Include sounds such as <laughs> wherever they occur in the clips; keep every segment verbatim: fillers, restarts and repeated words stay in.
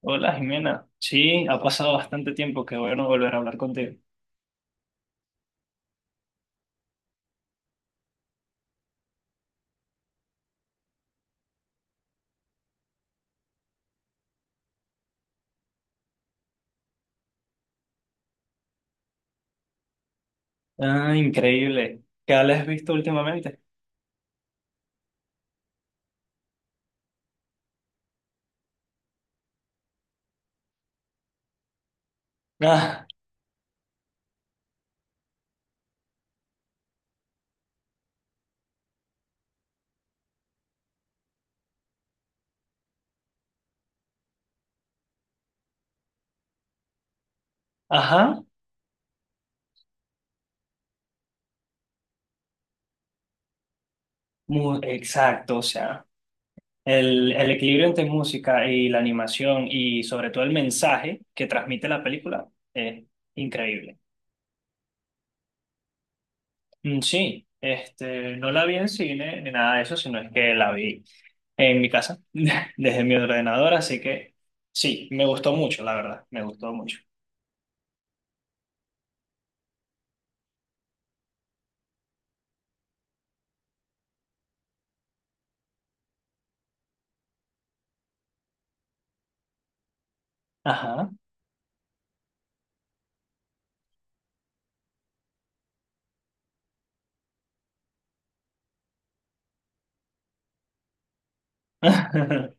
Hola Jimena, sí, ha pasado bastante tiempo, qué bueno volver a hablar contigo. Ah, increíble. ¿Qué has visto últimamente? Ah, ajá, mu- exacto, o sea, el, el equilibrio entre música y la animación y sobre todo el mensaje que transmite la película es increíble. Mm, sí, este, no la vi en cine ni nada de eso, sino es que la vi en mi casa, <laughs> desde mi ordenador, así que sí, me gustó mucho, la verdad, me gustó mucho. Ajá. <laughs>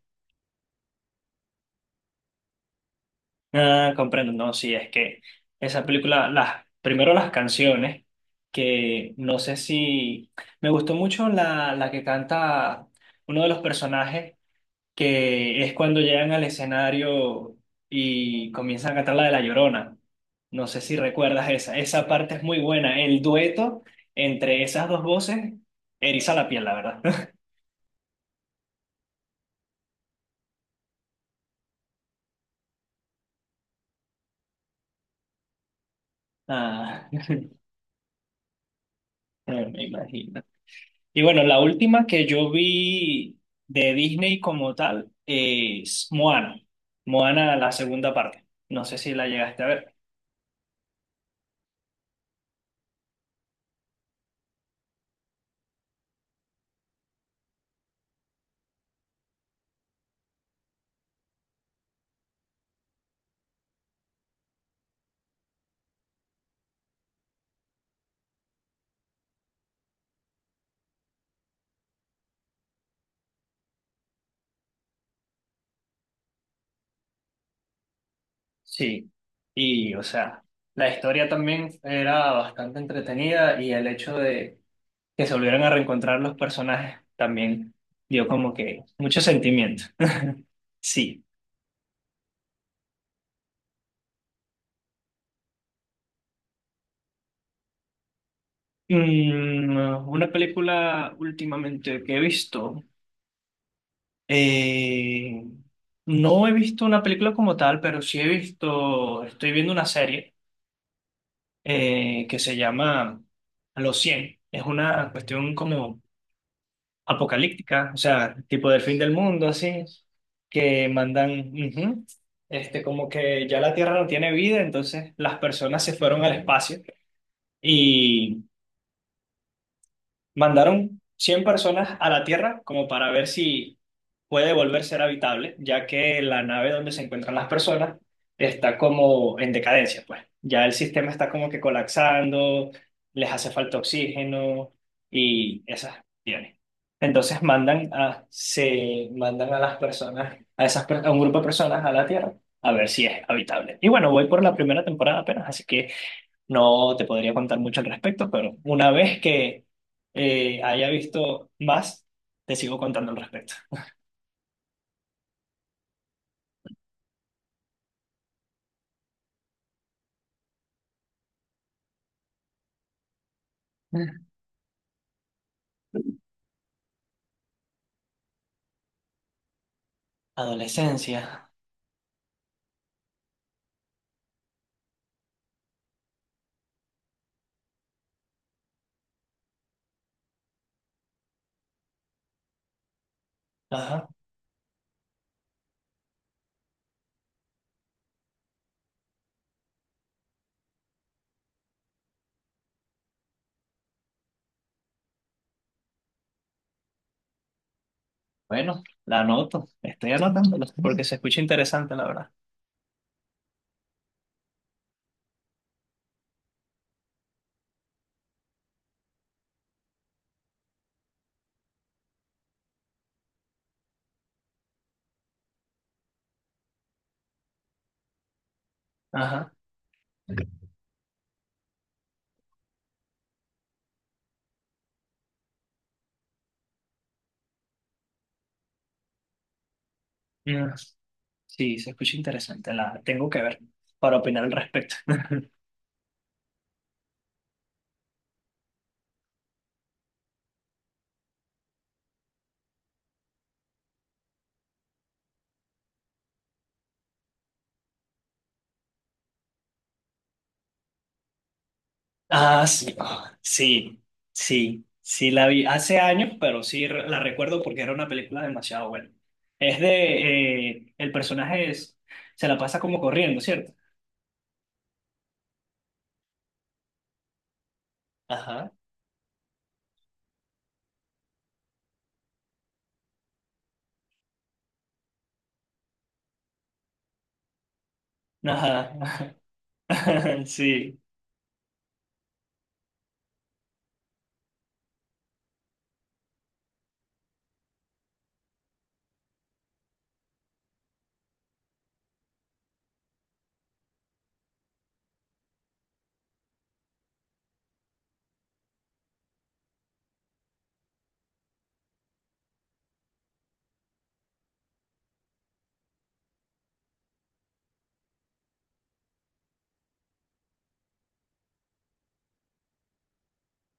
Ah, comprendo, no, sí, es que esa película, las, primero las canciones, que no sé si, me gustó mucho la, la que canta uno de los personajes, que es cuando llegan al escenario y comienzan a cantar la de La Llorona. No sé si recuerdas esa, esa parte es muy buena, el dueto entre esas dos voces eriza la piel, la verdad. <laughs> Ah, <laughs> me imagino. Y bueno, la última que yo vi de Disney como tal es Moana. Moana, la segunda parte. No sé si la llegaste a ver. Sí. Y, o sea, la historia también era bastante entretenida y el hecho de que se volvieran a reencontrar los personajes también dio como que mucho sentimiento. <laughs> Sí. Mm, una película últimamente que he visto. Eh, no he visto una película como tal, pero sí he visto, estoy viendo una serie eh, que se llama Los cien. Es una cuestión como apocalíptica, o sea, tipo del fin del mundo, así, que mandan, ujú, este, como que ya la Tierra no tiene vida, entonces las personas se fueron al espacio. Mandaron cien personas a la Tierra como para ver si puede volver a ser habitable, ya que la nave donde se encuentran las personas está como en decadencia, pues. Ya el sistema está como que colapsando, les hace falta oxígeno y esas tiene. Entonces mandan a, se mandan a las personas, a esas, per- a un grupo de personas a la Tierra a ver si es habitable. Y bueno, voy por la primera temporada apenas, así que no te podría contar mucho al respecto, pero una vez que eh, haya visto más, te sigo contando al respecto. <laughs> Mm. Adolescencia. Ajá. Bueno, la anoto. Estoy anotándola porque se escucha interesante, la verdad. Ajá. Mm. Sí, se escucha interesante. La tengo que ver para opinar al respecto. <laughs> Ah, sí, ah, sí, sí, sí la vi hace años, pero sí re- la recuerdo porque era una película demasiado buena. Es de, eh, el personaje es, se la pasa como corriendo, ¿cierto? Ajá, ajá, <laughs> sí.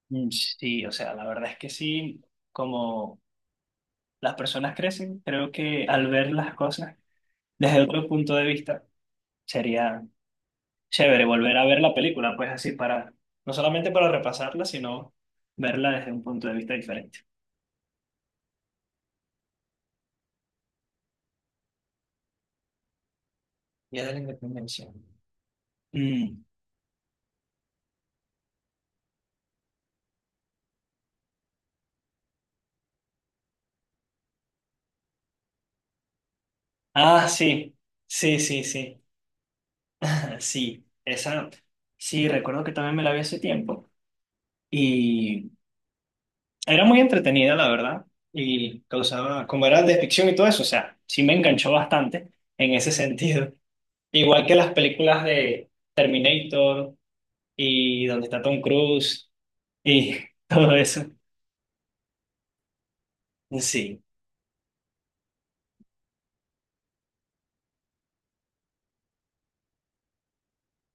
Mm, sí, o sea, la verdad es que sí, como las personas crecen, creo que al ver las cosas desde otro punto de vista, sería chévere volver a ver la película, pues así para, no solamente para repasarla, sino verla desde un punto de vista diferente. Día de la Independencia. Mm. Ah, sí, sí, sí, sí. <laughs> Sí, esa, sí, recuerdo que también me la vi hace tiempo. Y era muy entretenida, la verdad. Y causaba, como era de ficción y todo eso, o sea, sí me enganchó bastante en ese sentido. Igual que las películas de Terminator y donde está Tom Cruise y <laughs> todo eso. Sí,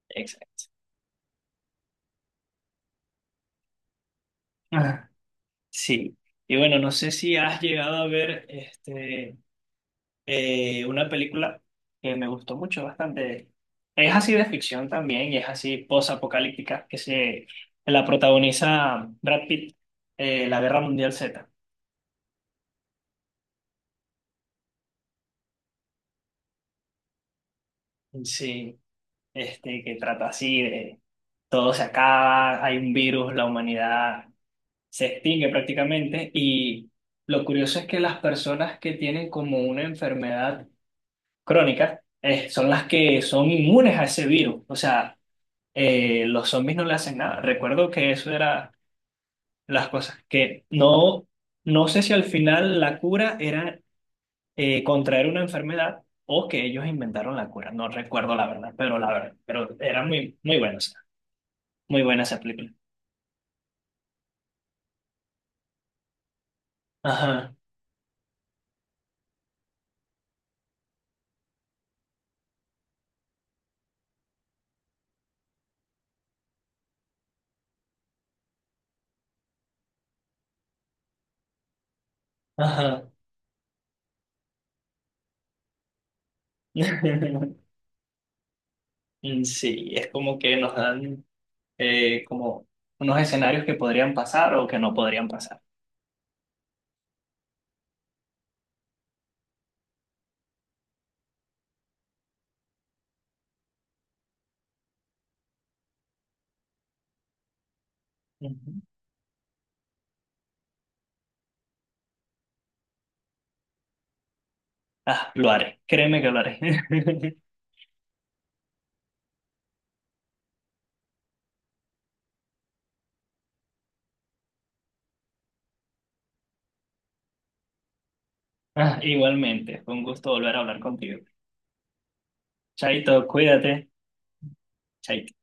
exacto. Ah, sí. Y bueno, no sé si has llegado a ver este. Eh, una película que me gustó mucho, bastante. Es así de ficción también y es así posapocalíptica, que se la protagoniza Brad Pitt, eh, La Guerra Mundial Z. Sí, este, que trata así de todo se acaba, hay un virus, la humanidad se extingue prácticamente y lo curioso es que las personas que tienen como una enfermedad crónica eh, son las que son inmunes a ese virus. O sea, eh, los zombies no le hacen nada. Recuerdo que eso era las cosas que no, no sé si al final la cura era eh, contraer una enfermedad o que ellos inventaron la cura. No recuerdo la verdad, pero la verdad, pero era muy, muy buena, o sea, muy buena esa película. Ajá, ajá. <laughs> Mm. Sí, es como que nos dan eh, como unos escenarios que podrían pasar o que no podrían pasar. Ujú. Ah, lo haré, créeme que lo haré. <laughs> Ah, igualmente, fue un gusto volver a hablar contigo. Chaito, cuídate. Chaito.